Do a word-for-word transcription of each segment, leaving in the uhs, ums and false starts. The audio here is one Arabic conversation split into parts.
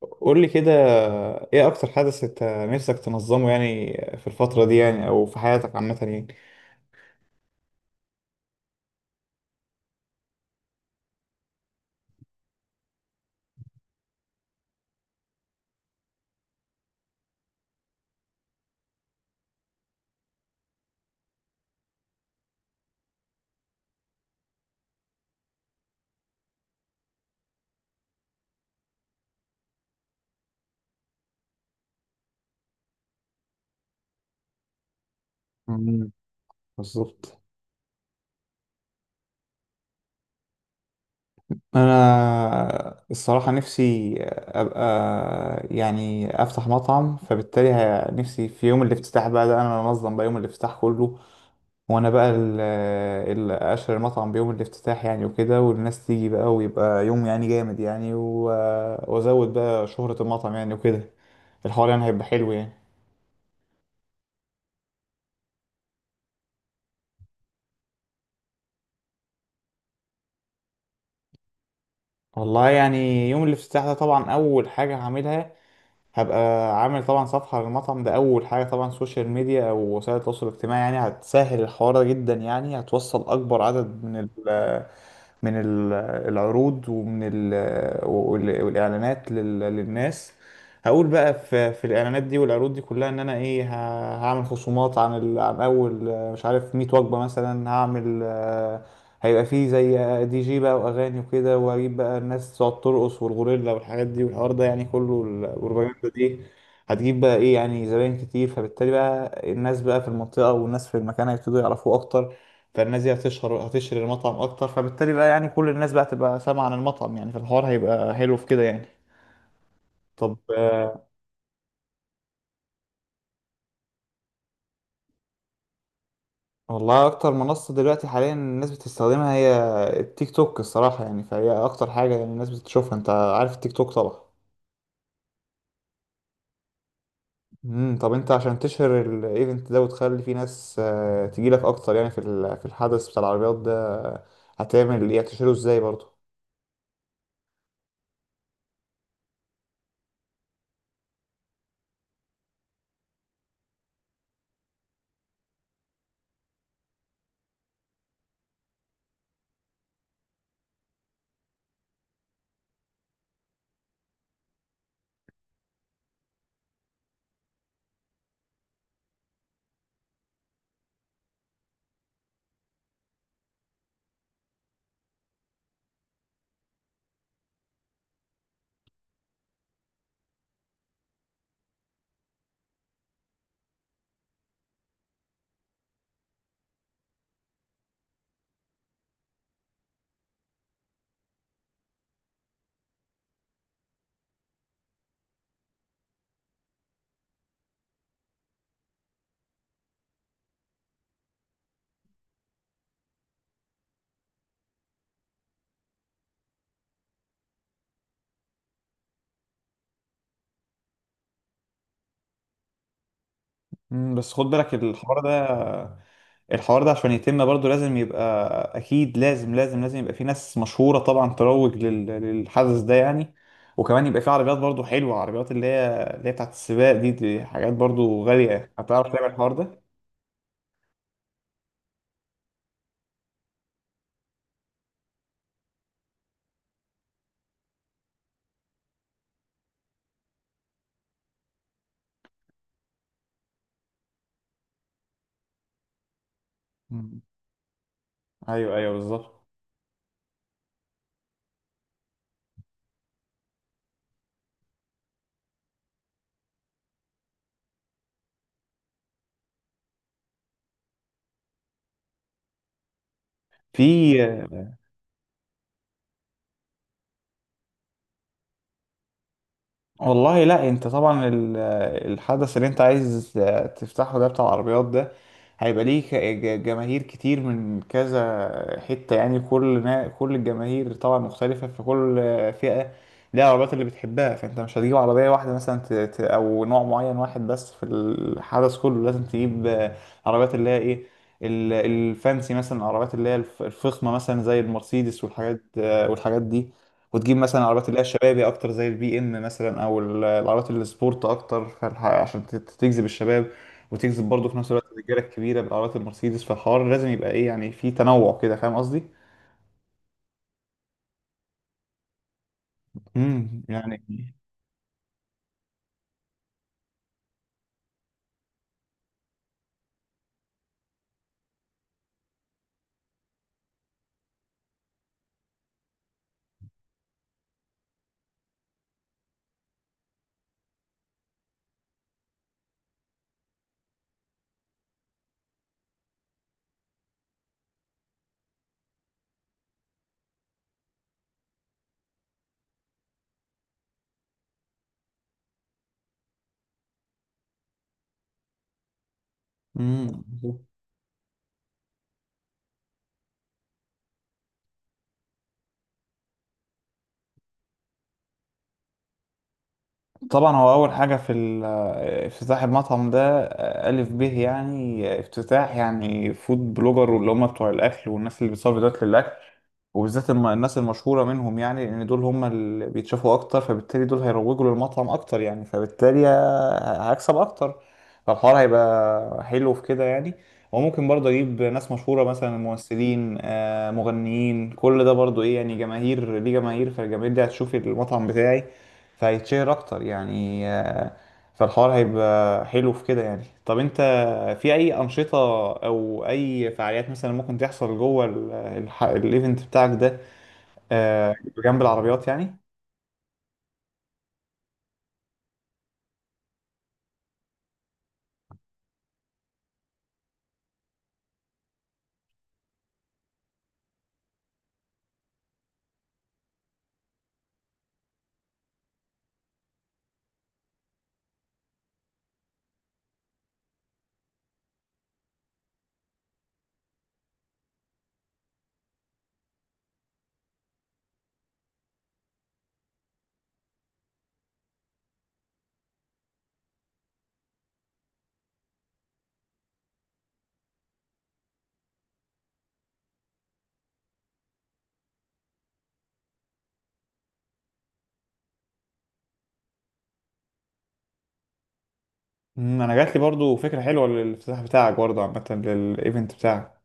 قول لي كده. ايه اكتر حدث انت نفسك تنظمه يعني في الفترة دي يعني او في حياتك عامة يعني؟ مم. بالظبط. انا الصراحة نفسي ابقى يعني افتح مطعم فبالتالي ه- نفسي في يوم الافتتاح بقى ده انا انظم بقى يوم الافتتاح كله. وانا بقى اللي اشهر المطعم بيوم الافتتاح يعني وكده والناس تيجي بقى ويبقى يوم يعني جامد يعني و- وازود بقى شهرة المطعم يعني وكده. الحوار يعني هيبقى حلو يعني. والله يعني يوم الافتتاح ده طبعا اول حاجه هعملها. هبقى عامل طبعا صفحه للمطعم ده اول حاجه طبعا سوشيال ميديا او وسائل التواصل الاجتماعي يعني هتسهل الحوار ده جدا يعني هتوصل اكبر عدد من ال من ال- العروض ومن ال وال- والاعلانات لل- للناس. هقول بقى في في الاعلانات دي والعروض دي كلها ان انا ايه ه- هعمل خصومات عن ال- عن اول آه، مش عارف ميت وجبه مثلا هعمل. هيبقى فيه زي دي جي بقى واغاني وكده واجيب بقى الناس تقعد ترقص والغوريلا والحاجات دي والحوار ده يعني كله البروباجندا دي. هتجيب بقى ايه يعني زباين كتير فبالتالي بقى الناس بقى في المنطقة والناس في المكان هيبتدوا يعرفوه اكتر. فالناس دي هتشهر هتشهر المطعم اكتر فبالتالي بقى يعني كل الناس بقى تبقى سامعة عن المطعم يعني فالحوار هيبقى حلو في كده يعني. طب آه، والله اكتر منصة دلوقتي حاليا الناس بتستخدمها هي التيك توك الصراحة يعني فهي اكتر حاجة يعني الناس بتشوفها انت عارف التيك توك طبعا. امم طب انت عشان تشهر الايفنت ده وتخلي فيه ناس آه، تجيلك اكتر يعني في ال- في الحدث بتاع العربيات ده آه، هتعمل ايه هتشهره ازاي برضه؟ مم، بس خد بالك الحوار ده. الحوار ده عشان يتم برضو لازم يبقى، اكيد لازم لازم لازم يبقى في ناس مشهورة طبعا تروج لل- للحدث ده يعني. وكمان يبقى في عربيات برضو حلوة عربيات اللي هي اللي هي بتاعت السباق دي. دي حاجات برضو غالية هتعرف تعمل الحوار ده. مم. ايوه، ايوه، بالظبط. في والله لا انت طبعا ال- الحدث اللي انت عايز تفتحه ده بتاع العربيات ده هيبقى ليه ك- ج- جماهير كتير من كذا حتة يعني كل نا- كل الجماهير طبعا مختلفة فكل فئة ليها العربيات اللي بتحبها. فانت مش هتجيب عربية واحدة مثلا ت- ت- او نوع معين واحد بس في الحدث كله لازم تجيب عربيات اللي هي ايه ال- الفانسي مثلا العربيات اللي هي الف- الفخمة مثلا زي المرسيدس والحاجات والحاجات دي. وتجيب مثلا العربيات اللي هي الشبابي اكتر زي البي ام مثلا او ال- العربيات السبورت اكتر فالح- عشان ت- تجذب الشباب، وتجذب برضه في نفس الوقت الرجاله الكبيره بالعربيات المرسيدس فالحوار لازم يبقى ايه يعني في تنوع كده. فاهم قصدي؟ امم يعني. امم طبعا هو اول حاجه في ال- آه، افتتاح المطعم ده آه، الف به يعني آه، افتتاح يعني فود بلوجر واللي هم بتوع الاكل والناس اللي بتصور فيديوهات للاكل. وبالذات الم- الناس المشهوره منهم يعني لان دول هم اللي بيتشافوا اكتر فبالتالي دول هيروجوا للمطعم اكتر يعني فبالتالي ه- هكسب اكتر. فالحوار هيبقى حلو في كده يعني. وممكن برضه اجيب ناس مشهوره مثلا ممثلين آه، مغنيين كل ده برضه ايه يعني جماهير ليه جماهير فالجماهير دي هتشوف المطعم بتاعي فهيتشهر اكتر يعني آه، فالحوار هيبقى حلو في كده يعني. طب انت في اي انشطة او اي فعاليات مثلا ممكن تحصل جوه ال- الح- الايفنت بتاعك ده آه، جنب العربيات يعني؟ مم، انا جات لي برضو فكرة حلوة للافتتاح بتاعك برضو عامة للايفنت بتاعك.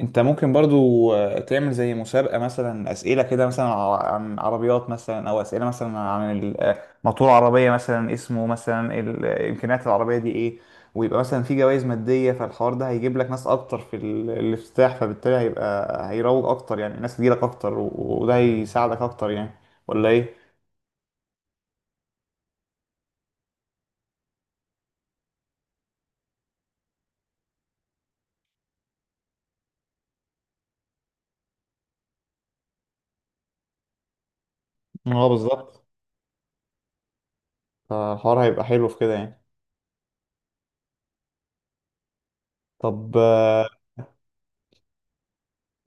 انت ممكن برضو آه، تعمل زي مسابقة مثلا اسئلة كده مثلا ع- عن عربيات مثلا او اسئلة مثلا عن ال- آه، موتور عربية مثلا اسمه مثلا ال- آه، امكانيات العربية دي ايه. ويبقى مثلا في جوائز مادية فالحوار ده هيجيب لك ناس اكتر في ال- الافتتاح فبالتالي هيبقى هيروج اكتر يعني الناس تجيلك اكتر و- وده هيساعدك اكتر يعني، ولا ايه؟ اه، بالظبط. فالحوار هيبقى حلو في كده يعني. طب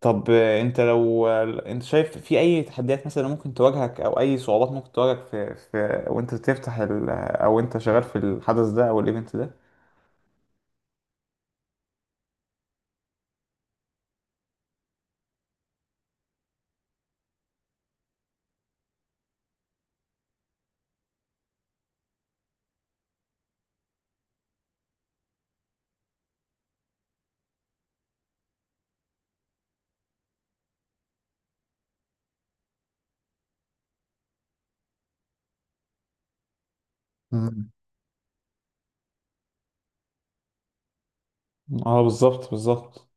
طب آه، انت لو آه، انت شايف في اي تحديات مثلا ممكن تواجهك او اي صعوبات ممكن تواجهك في, في وانت بتفتح ال... او انت شغال في الحدث ده او الايفنت ده؟ مم. اه، بالظبط، بالظبط.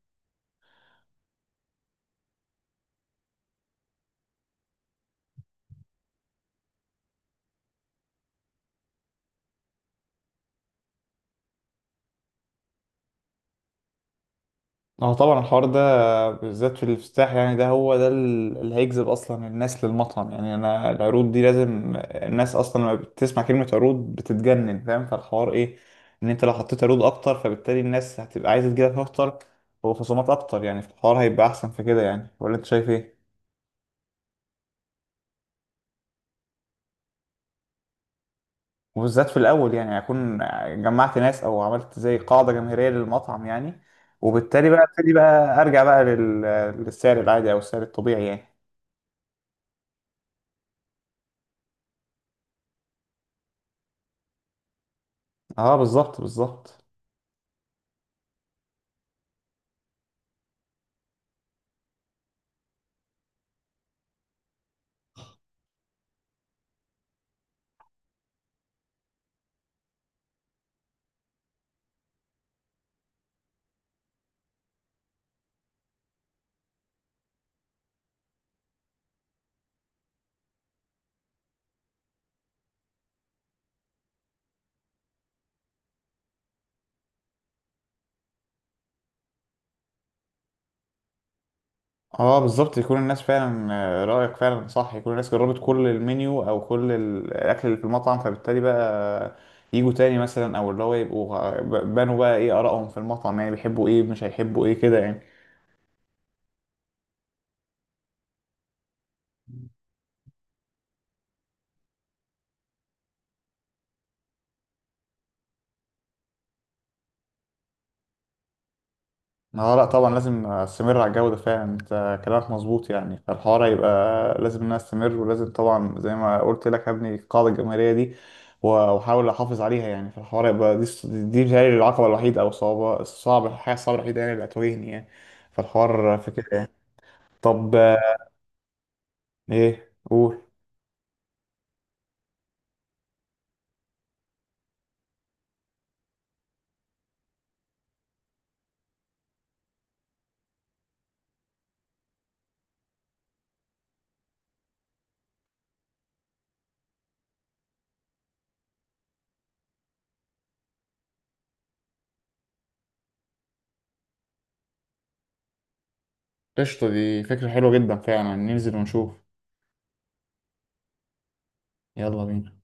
اه طبعا الحوار ده بالذات في الافتتاح يعني ده هو ده ال- اللي هيجذب اصلا الناس للمطعم يعني. انا العروض دي لازم الناس اصلا لما بتسمع كلمة عروض بتتجنن فاهم، فالحوار ايه ان انت لو حطيت عروض اكتر فبالتالي الناس هتبقى عايزة تجيلك اكتر وخصومات اكتر يعني الحوار هيبقى احسن في كده يعني، ولا انت شايف ايه؟ وبالذات في الاول يعني هكون جمعت ناس او عملت زي قاعدة جماهيرية للمطعم يعني وبالتالي بقى ابتدي بقى ارجع بقى لل- للسعر العادي او السعر الطبيعي يعني. اه، بالظبط، بالظبط. اه بالظبط يكون الناس فعلا آه، رأيك فعلا صح، يكون الناس جربت كل المنيو او كل ال- الاكل اللي في المطعم فبالتالي بقى يجوا تاني مثلا او اللي هو يبقوا غ- بانوا بقى ايه آرائهم في المطعم يعني بيحبوا ايه مش هيحبوا ايه كده يعني. اه لا طبعا لازم استمر على الجودة فعلا، انت كلامك مظبوط يعني فالحوار هيبقى لازم ان انا استمر ولازم طبعا زي ما قلت لك هبني القاعدة الجماهيرية دي و- واحاول احافظ عليها يعني فالحوار هيبقى دي دي بتهيألي العقبة الوحيدة او صعبة الصعب الحاجة الصعبة الوحيدة يعني اللي هتواجهني يعني فالحوار فكرة يعني. طب آه، ايه قول. قشطة، دي فكرة حلوة جدا فعلا ننزل ونشوف. يلا بينا.